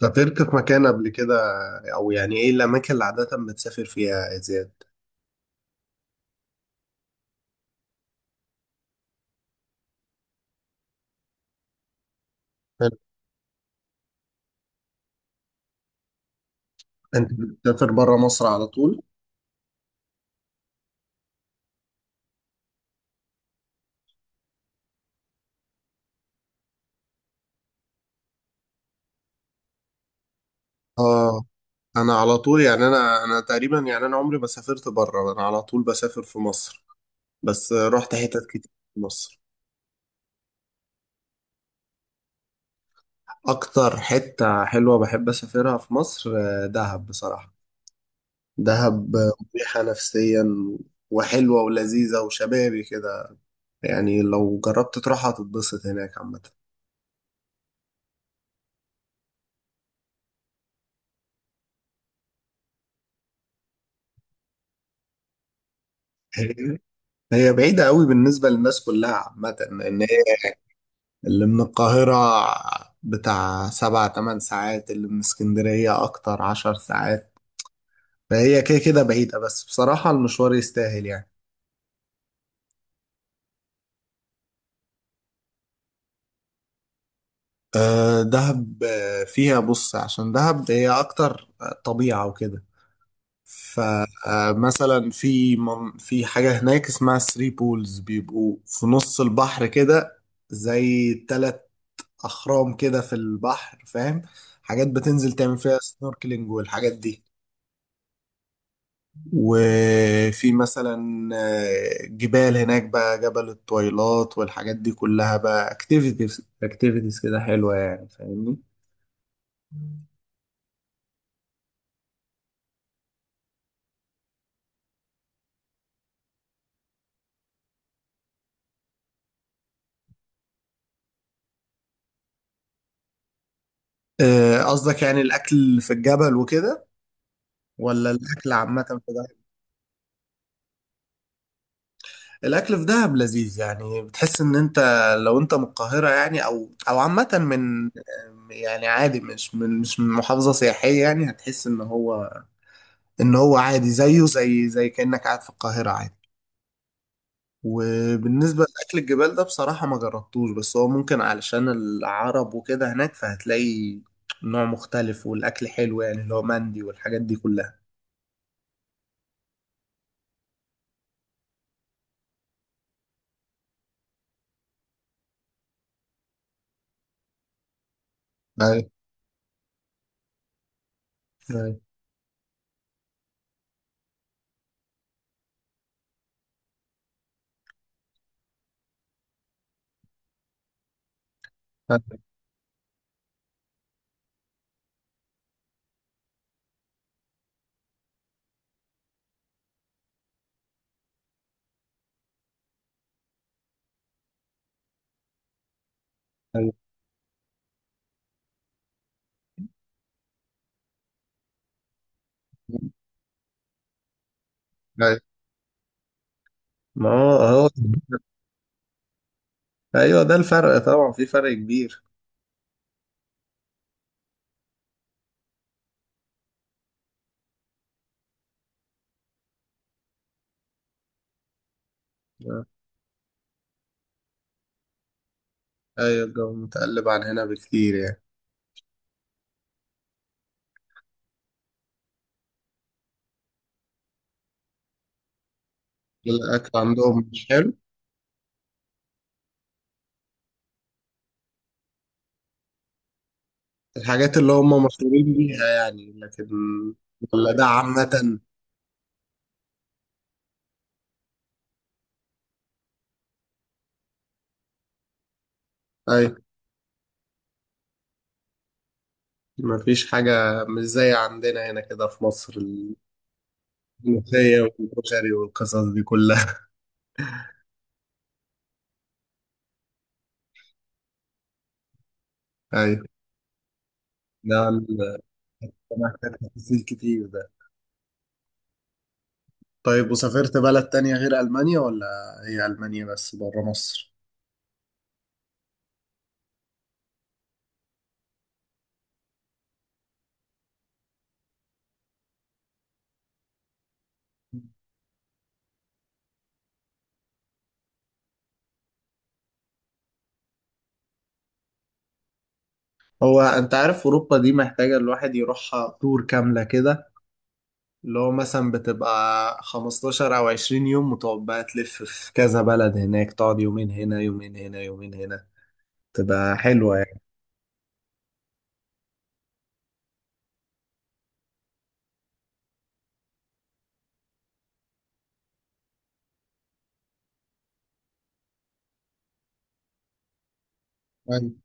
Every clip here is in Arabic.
سافرت في مكان قبل كده؟ او يعني ايه الاماكن اللي عاده بتسافر فيها يا زياد؟ حلو. انت بتسافر بره مصر على طول؟ اه، انا على طول، يعني انا تقريبا، يعني انا عمري ما سافرت بره، انا على طول بسافر في مصر. بس رحت حتت كتير في مصر. اكتر حته حلوه بحب اسافرها في مصر، دهب بصراحه. دهب، مريحه نفسيا وحلوه ولذيذه وشبابي كده. يعني لو جربت تروحها هتتبسط هناك عامه. هي بعيدة قوي بالنسبة للناس كلها عامة، لأن هي اللي من القاهرة بتاع 7 8 ساعات، اللي من اسكندرية أكتر 10 ساعات. فهي كده كده بعيدة، بس بصراحة المشوار يستاهل يعني. أه دهب، فيها، بص، عشان دهب هي أكتر طبيعة وكده. فمثلا في حاجة هناك اسمها ثري بولز، بيبقوا في نص البحر كده، زي 3 اخرام كده في البحر، فاهم؟ حاجات بتنزل تعمل فيها سنوركلينج والحاجات دي. وفي مثلا جبال هناك بقى، جبل الطويلات والحاجات دي كلها بقى، اكتيفيتيز اكتيفيتيز كده حلوة يعني، فاهمني؟ قصدك يعني الاكل في الجبل وكده، ولا الاكل عامة في دهب؟ الاكل في دهب لذيذ يعني. بتحس ان انت لو انت من القاهرة يعني، او عامة من يعني عادي، مش من محافظة سياحية يعني، هتحس ان هو، ان هو عادي زيه، زي كأنك قاعد في القاهرة عادي. وبالنسبة لأكل الجبال ده بصراحة ما جربتوش، بس هو ممكن علشان العرب وكده هناك، فهتلاقي نوع مختلف والأكل حلو، يعني اللي هو مندي والحاجات دي كلها. ايوه، ايوه، ايوه، ايوه. ما هو هو، أيوه، ده الفرق طبعا، في فرق كبير. ايوه، الجو متقلب عن هنا بكتير يعني. الاكل عندهم مش حلو؟ الحاجات اللي هم مشهورين بيها يعني، لكن؟ ولا ده عامة؟ ايوه، مفيش حاجة، مش زي عندنا هنا كده في مصر، الملوخية والكشري والقصص دي كلها. أيوة، ده ال- ده محتاج تفاصيل كتير ده. طيب، وسافرت بلد تانية غير ألمانيا، ولا هي ألمانيا بس بره مصر؟ هو أنت عارف أوروبا دي محتاجة الواحد يروحها تور كاملة كده، اللي هو مثلا بتبقى 15 أو 20 يوم، وتقعد بقى تلف في كذا بلد هناك، تقعد يومين هنا، يومين هنا، يومين هنا، تبقى حلوة يعني. أيوة.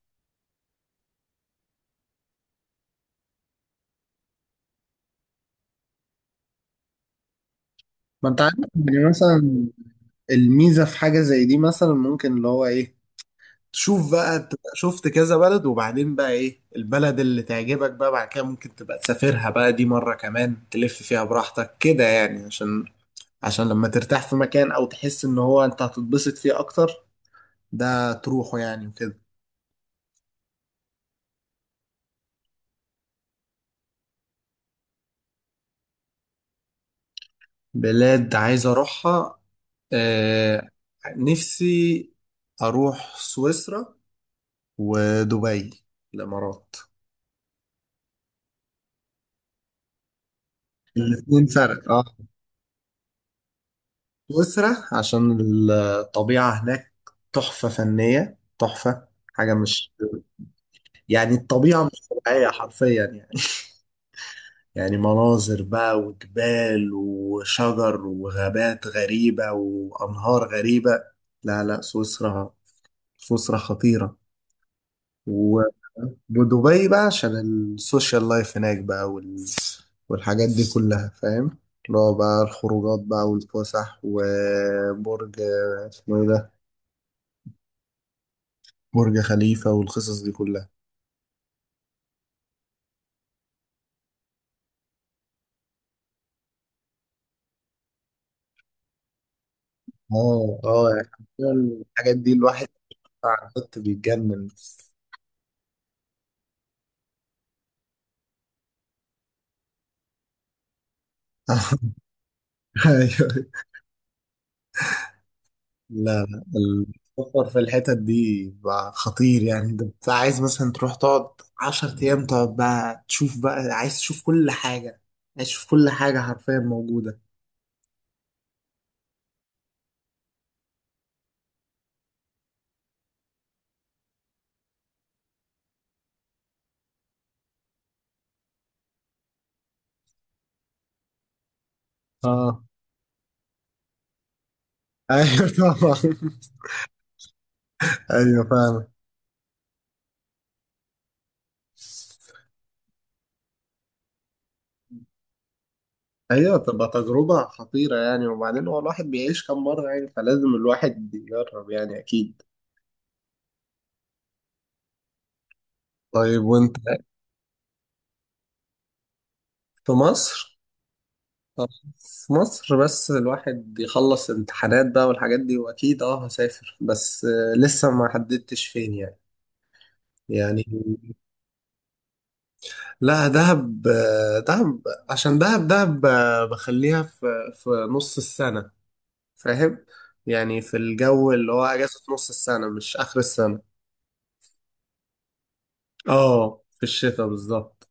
ما انت عارف يعني مثلا، الميزة في حاجة زي دي مثلا، ممكن اللي هو ايه، تشوف بقى، تبقى شفت كذا بلد، وبعدين بقى ايه البلد اللي تعجبك بقى، بعد كده ممكن تبقى تسافرها بقى دي مرة كمان تلف فيها براحتك كده، يعني عشان لما ترتاح في مكان، او تحس ان هو انت هتتبسط فيه اكتر، ده تروحه يعني وكده. بلاد عايز اروحها، آه، نفسي اروح سويسرا ودبي، الامارات. الاثنين فرق، اه. سويسرا عشان الطبيعة هناك، تحفة فنية، تحفة، حاجة مش يعني، الطبيعة مش طبيعية حرفيا يعني. يعني مناظر بقى، وجبال وشجر وغابات غريبة وأنهار غريبة. لا لا، سويسرا، سويسرا خطيرة. و- ودبي بقى، عشان السوشيال لايف هناك بقى، والحاجات دي كلها، فاهم؟ اللي هو بقى الخروجات بقى والفسح، وبرج اسمه ايه ده؟ برج خليفة والقصص دي كلها. اه، اه، يعني حرفياً الحاجات دي، الواحد على النت بيتجنن. ايوه. لا لا، السفر في الحتت دي بقى خطير يعني. انت عايز مثلا تروح تقعد 10 ايام، تقعد بقى تشوف بقى، عايز تشوف كل حاجة، عايز تشوف كل حاجة حرفيا موجودة. اه. ايوه طبعا. ايوه فعلا. ايوه، بتبقى تجربة خطيرة يعني. وبعدين هو الواحد بيعيش كم مرة يعني، فلازم الواحد يجرب يعني، اكيد. طيب، وانت؟ في مصر. طب، في مصر بس الواحد يخلص امتحانات بقى والحاجات دي، واكيد اه هسافر، بس لسه ما حددتش فين يعني لا دهب، دهب، عشان دهب، بخليها في نص السنة، فاهم؟ يعني في الجو اللي هو اجازة نص السنة مش اخر السنة. اه، في الشتاء بالظبط.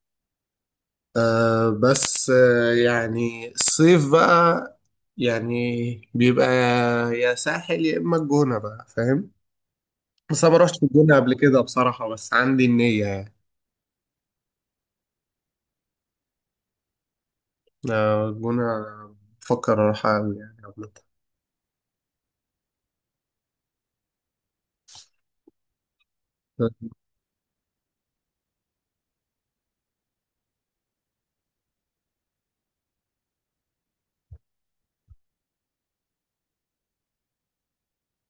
آه بس آه يعني الصيف بقى يعني بيبقى يا ساحل، يا إما الجونة بقى، فاهم؟ بس أنا ما روحتش الجونة قبل كده بصراحة، بس عندي النية يعني. آه الجونة، بفكر أروحها أوي يعني عامة.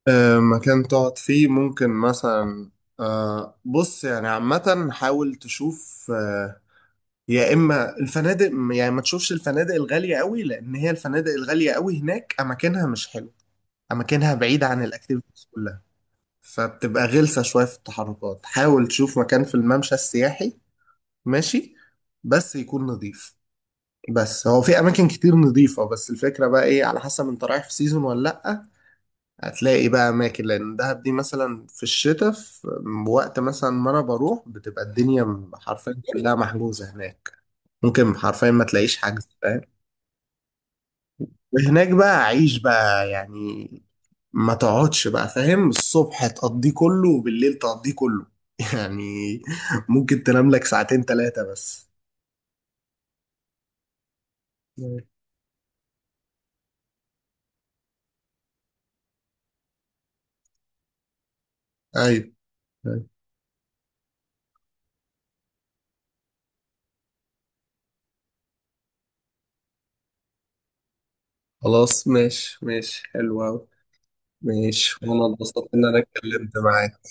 مكان تقعد فيه ممكن مثلا، بص يعني عامة، حاول تشوف، يا إما الفنادق يعني. ما تشوفش الفنادق الغالية قوي، لأن هي الفنادق الغالية قوي هناك أماكنها مش حلوة، أماكنها بعيدة عن الأكتيفيتيز كلها، فبتبقى غلسة شوية في التحركات. حاول تشوف مكان في الممشى السياحي، ماشي، بس يكون نظيف. بس هو في أماكن كتير نظيفة. بس الفكرة بقى إيه، على حسب أنت رايح في سيزون ولا لأ. هتلاقي بقى أماكن، لأن دهب دي مثلا في الشتاء، في وقت مثلا ما أنا بروح، بتبقى الدنيا حرفيا كلها محجوزة هناك. ممكن حرفيا ما تلاقيش حجز، فاهم؟ هناك بقى عيش بقى يعني، ما تقعدش بقى، فاهم، الصبح تقضيه كله وبالليل تقضيه كله، يعني ممكن تنام لك ساعتين 3 بس. ايوه. أيوة. خلاص ماشي، ماشي، حلو أوي. ماشي، وأنا اتبسطت إن أنا اتكلمت معاك.